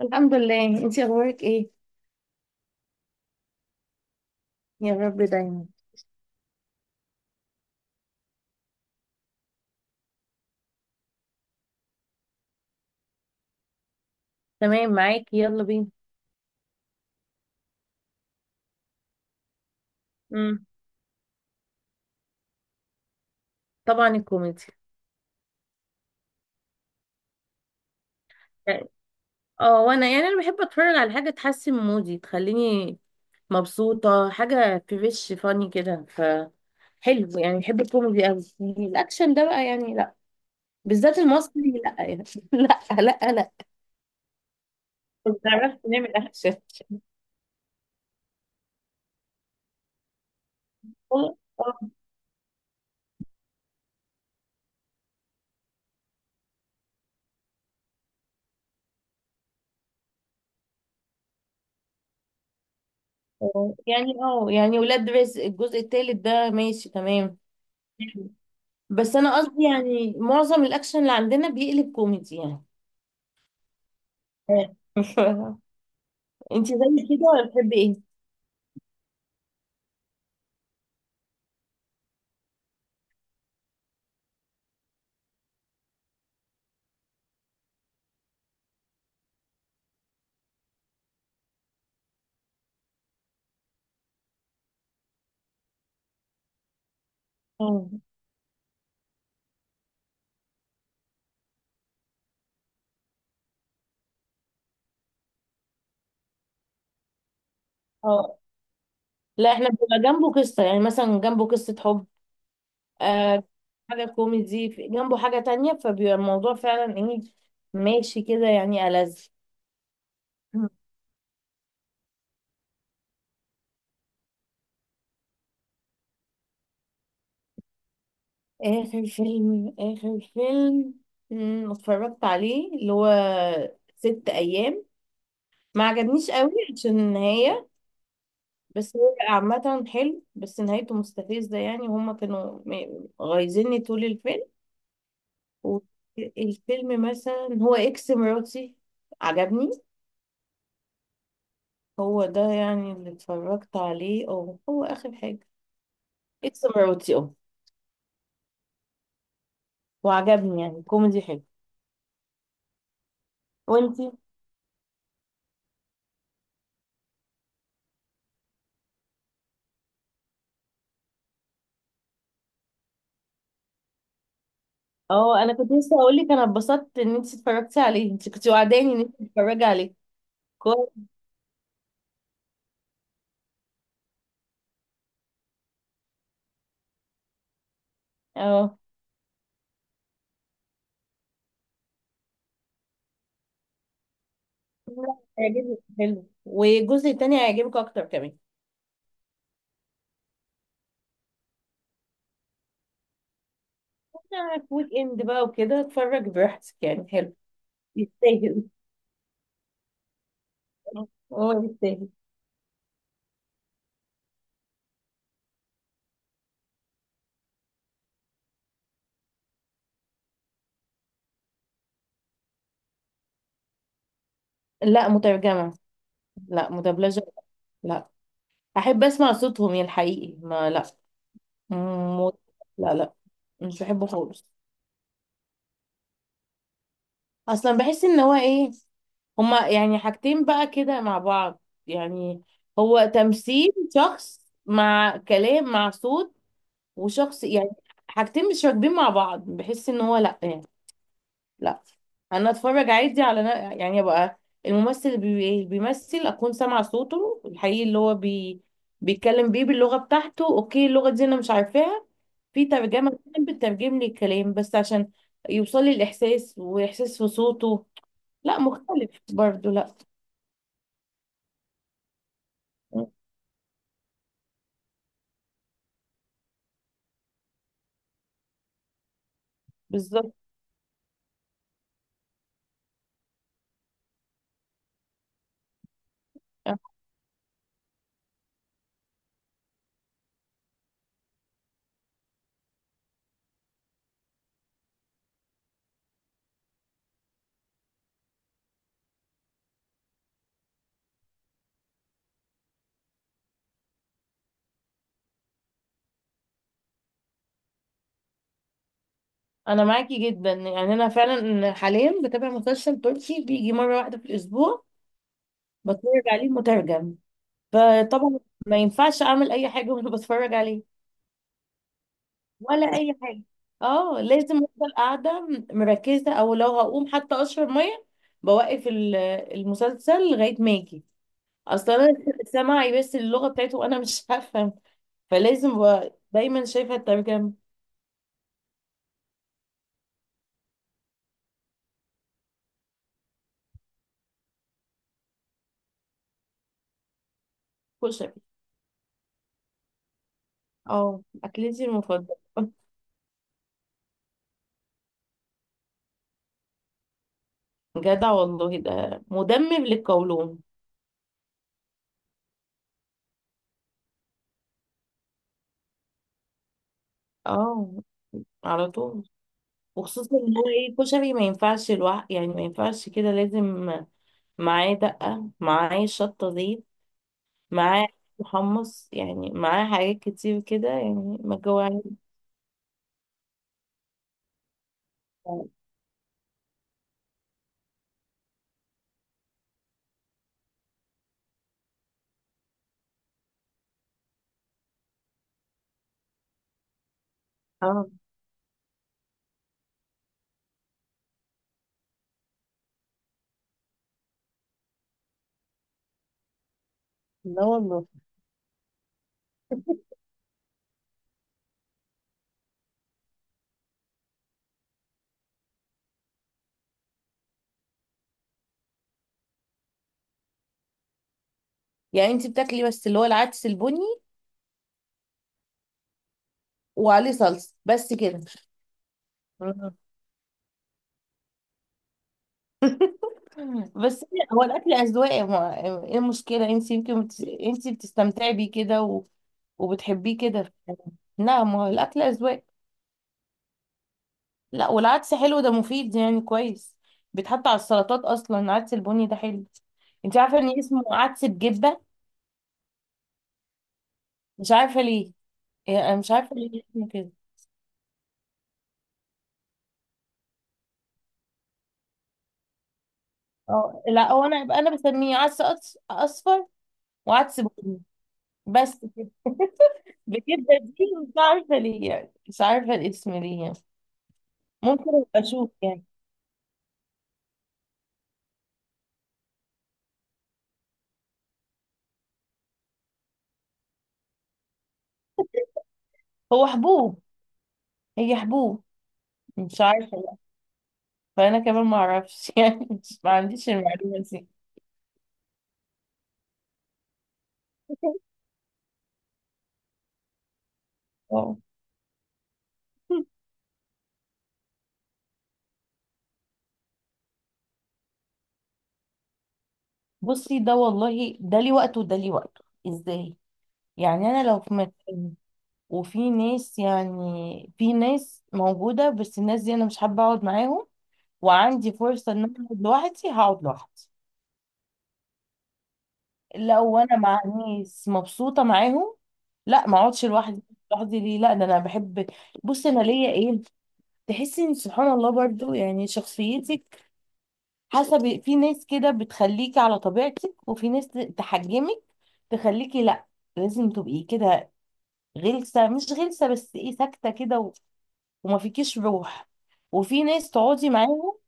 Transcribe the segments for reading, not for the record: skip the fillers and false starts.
الحمد لله، انتي اخبارك ايه؟ يا رب دايما. تمام معاكي، يلا بينا. امم طبعا الكوميدي. يعني اه وانا يعني انا بحب اتفرج على حاجه تحسن مودي، تخليني مبسوطه، حاجه فريش فاني كده. فحلو يعني، بحب الكوميدي قوي، الاكشن ده بقى يعني لا، بالذات المصري لا يعني لا لا لا. ما بتعرفش نعمل اكشن. آه، آه، يعني يعني ولاد رزق الجزء التالت ده ماشي تمام. بس انا قصدي يعني معظم الاكشن اللي عندنا بيقلب كوميدي يعني. انت زي كده ولا بتحبي ايه؟ اه. آه. لا، احنا بيبقى جنبه قصة، يعني مثلا جنبه قصة حب. آه، حاجة كوميدي جنبه حاجة تانية، فبيبقى الموضوع فعلا ايه، ماشي كده يعني، ألذ آخر فيلم، آخر فيلم، اتفرجت عليه اللي هو ست أيام. ما عجبنيش قوي عشان النهاية. بس هو عامة حلو، بس نهايته مستفزة، يعني هما كانوا غايزيني طول الفيلم. والفيلم مثلا هو اكس مراتي، عجبني. هو ده يعني اللي اتفرجت عليه، هو اخر حاجة. اكس مراتي، اه. وعجبني، يعني كوميدي حلو. وانتي؟ اه، انا كنت لسه هقول لك، انا اتبسطت ان انت اتفرجتي عليه، انت كنت وعداني ان انت تتفرجي عليه. كويس. اه لا، هيعجبك، حلو، والجزء التاني هيعجبك اكتر كمان. أنا في ويك اند بقى وكده، اتفرج براحتك يعني، حلو. يستاهل. هو يستاهل. لا، مترجمة. لا مدبلجة. لا. أحب أسمع صوتهم يا الحقيقي ما لا. م... لا، مش بحبه خالص. أصلا بحس إن هو إيه، هما يعني حاجتين بقى كده مع بعض، يعني هو تمثيل شخص مع كلام مع صوت. وشخص يعني حاجتين مش راكبين مع بعض، بحس إن هو لا يعني، لا. انا اتفرج عادي على يعني ابقى الممثل اللي إيه، بيمثل، اكون سامعه صوته الحقيقي اللي هو بيتكلم بيه باللغه بتاعته. اوكي، اللغه دي انا مش عارفاها، في ترجمه بتكون بتترجم لي الكلام، بس عشان يوصل لي الاحساس واحساس في صوته. لا مختلف برضو، لا. بالظبط. انا معاكي جدا، يعني انا فعلا حاليا بتابع مسلسل تركي بيجي مره واحده في الاسبوع، بتفرج عليه مترجم. فطبعا ما ينفعش اعمل اي حاجه وانا بتفرج عليه، ولا اي حاجه. اه، لازم افضل قاعده مركزه، او لو هقوم حتى اشرب ميه، بوقف المسلسل لغايه ما اجي. اصلا انا سامعي بس اللغه بتاعته وانا مش هفهم، فلازم دايما شايفه الترجمه. كشري. اه، اكلتي المفضله. جدع والله، ده مدمم للقولون. اه، على طول. وخصوصا ان هو ايه، كشري ما ينفعش الوح، يعني ما ينفعش كده، لازم معاه دقه، معاه شطه، زيت، معاه محمص، يعني معاه حاجات كتير كده، يعني ما جوعنيش. اه، لا والله. يعني انت بتاكلي بس اللي هو العدس البني وعليه صلصة بس كده؟ آه. بس هو الاكل اذواق يا ايه المشكلة، انت يمكن انت بتستمتعي بيه كده وبتحبيه كده. لا، ما هو الاكل اذواق. لا، والعدس حلو، ده مفيد يعني كويس، بيتحط على السلطات اصلا، العدس البني ده حلو. انت عارفة ان اسمه عدس بجبة؟ مش عارفة ليه، يعني انا مش عارفه ليه اسمه كده. اه، لا هو انا بسميه عدس اصفر، وعدس بني. بس بكده دي، مش عارفه ليه، يعني مش عارفه الاسم ليه يعني. ممكن ابقى اشوف يعني. هو حبوب، هي حبوب، مش عارفه بقى. فانا كمان ما اعرفش يعني مش، ما عنديش المعلومه دي. اه، بصي، ده والله ده ليه وقته وده ليه وقته. ازاي؟ يعني انا لو في مكان وفي ناس، يعني في ناس موجوده بس الناس دي انا مش حابه اقعد معاهم، وعندي فرصة ان انا اقعد لوحدي، هقعد لوحدي. لو انا مع ناس مبسوطة معاهم، لا ما اقعدش لوحدي. لوحدي ليه، لا ده انا بحب. بص انا ليا ايه، تحسي ان سبحان الله برضو يعني شخصيتك حسب، في ناس كده بتخليكي على طبيعتك، وفي ناس تحجمك، تخليكي لا لازم تبقي كده غلسة، مش غلسة بس ايه، ساكتة كده وما فيكيش روح. وفي ناس تقعدي معاهم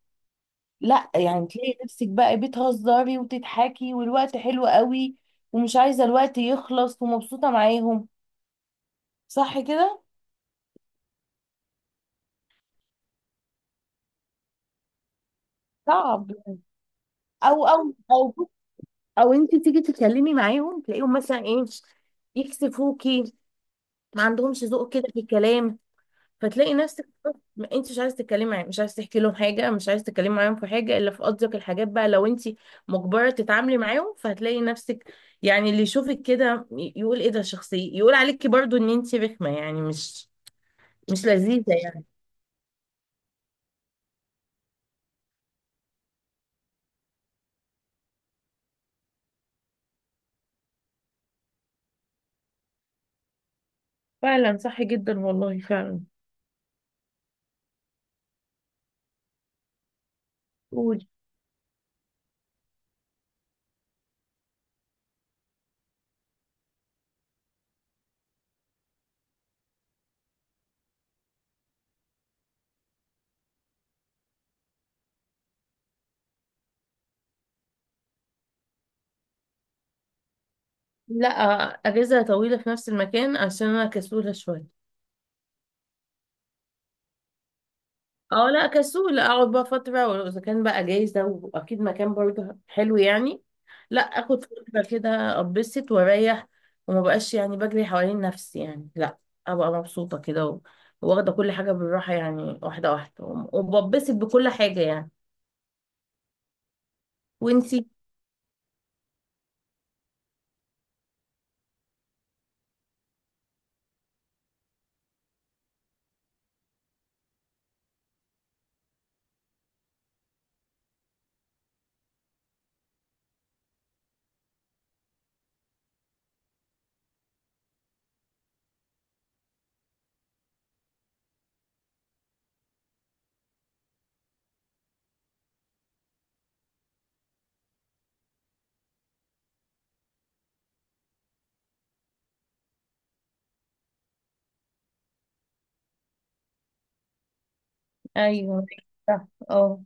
لا، يعني تلاقي نفسك بقى بتهزري وتضحكي والوقت حلو قوي، ومش عايزة الوقت يخلص، ومبسوطة معاهم، صح كده. صعب. او او او او انت تيجي تتكلمي معاهم، تلاقيهم مثلا ايه، يكسفوكي، ما عندهمش ذوق كده في الكلام. فتلاقي نفسك، ما انت مش عايزه تتكلمي معاهم، مش عايزه تحكي لهم حاجه، مش عايزه تتكلمي معاهم في حاجه الا في قصدك الحاجات بقى، لو انت مجبره تتعاملي معاهم فهتلاقي نفسك، يعني اللي يشوفك كده يقول ايه ده شخصيه، يقول عليكي برضو ان انت رخمه، يعني مش لذيذه يعني. فعلا صح جدا، والله فعلا. قولي. لا، اجازه طويله في نفس المكان عشان انا كسوله شويه. اه، لا كسول، اقعد بقى فترة، واذا كان بقى جايزة واكيد مكان برضه حلو يعني، لا اخد فترة كده، اتبسط واريح، وما بقاش يعني بجري حوالين نفسي يعني، لا ابقى مبسوطة كده واخدة كل حاجة بالراحة، يعني واحدة واحدة، وببسط بكل حاجة يعني. وانتي؟ ايوه، صح، اه.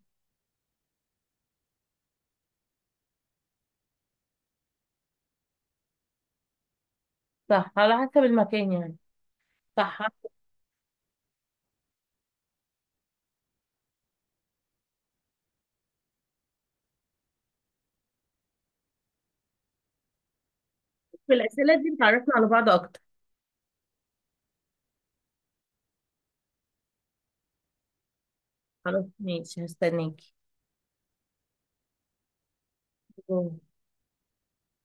صح على حسب المكان يعني. صح. في الأسئلة دي بتعرفنا على بعض اكتر. خلاص ماشي، هستناكي.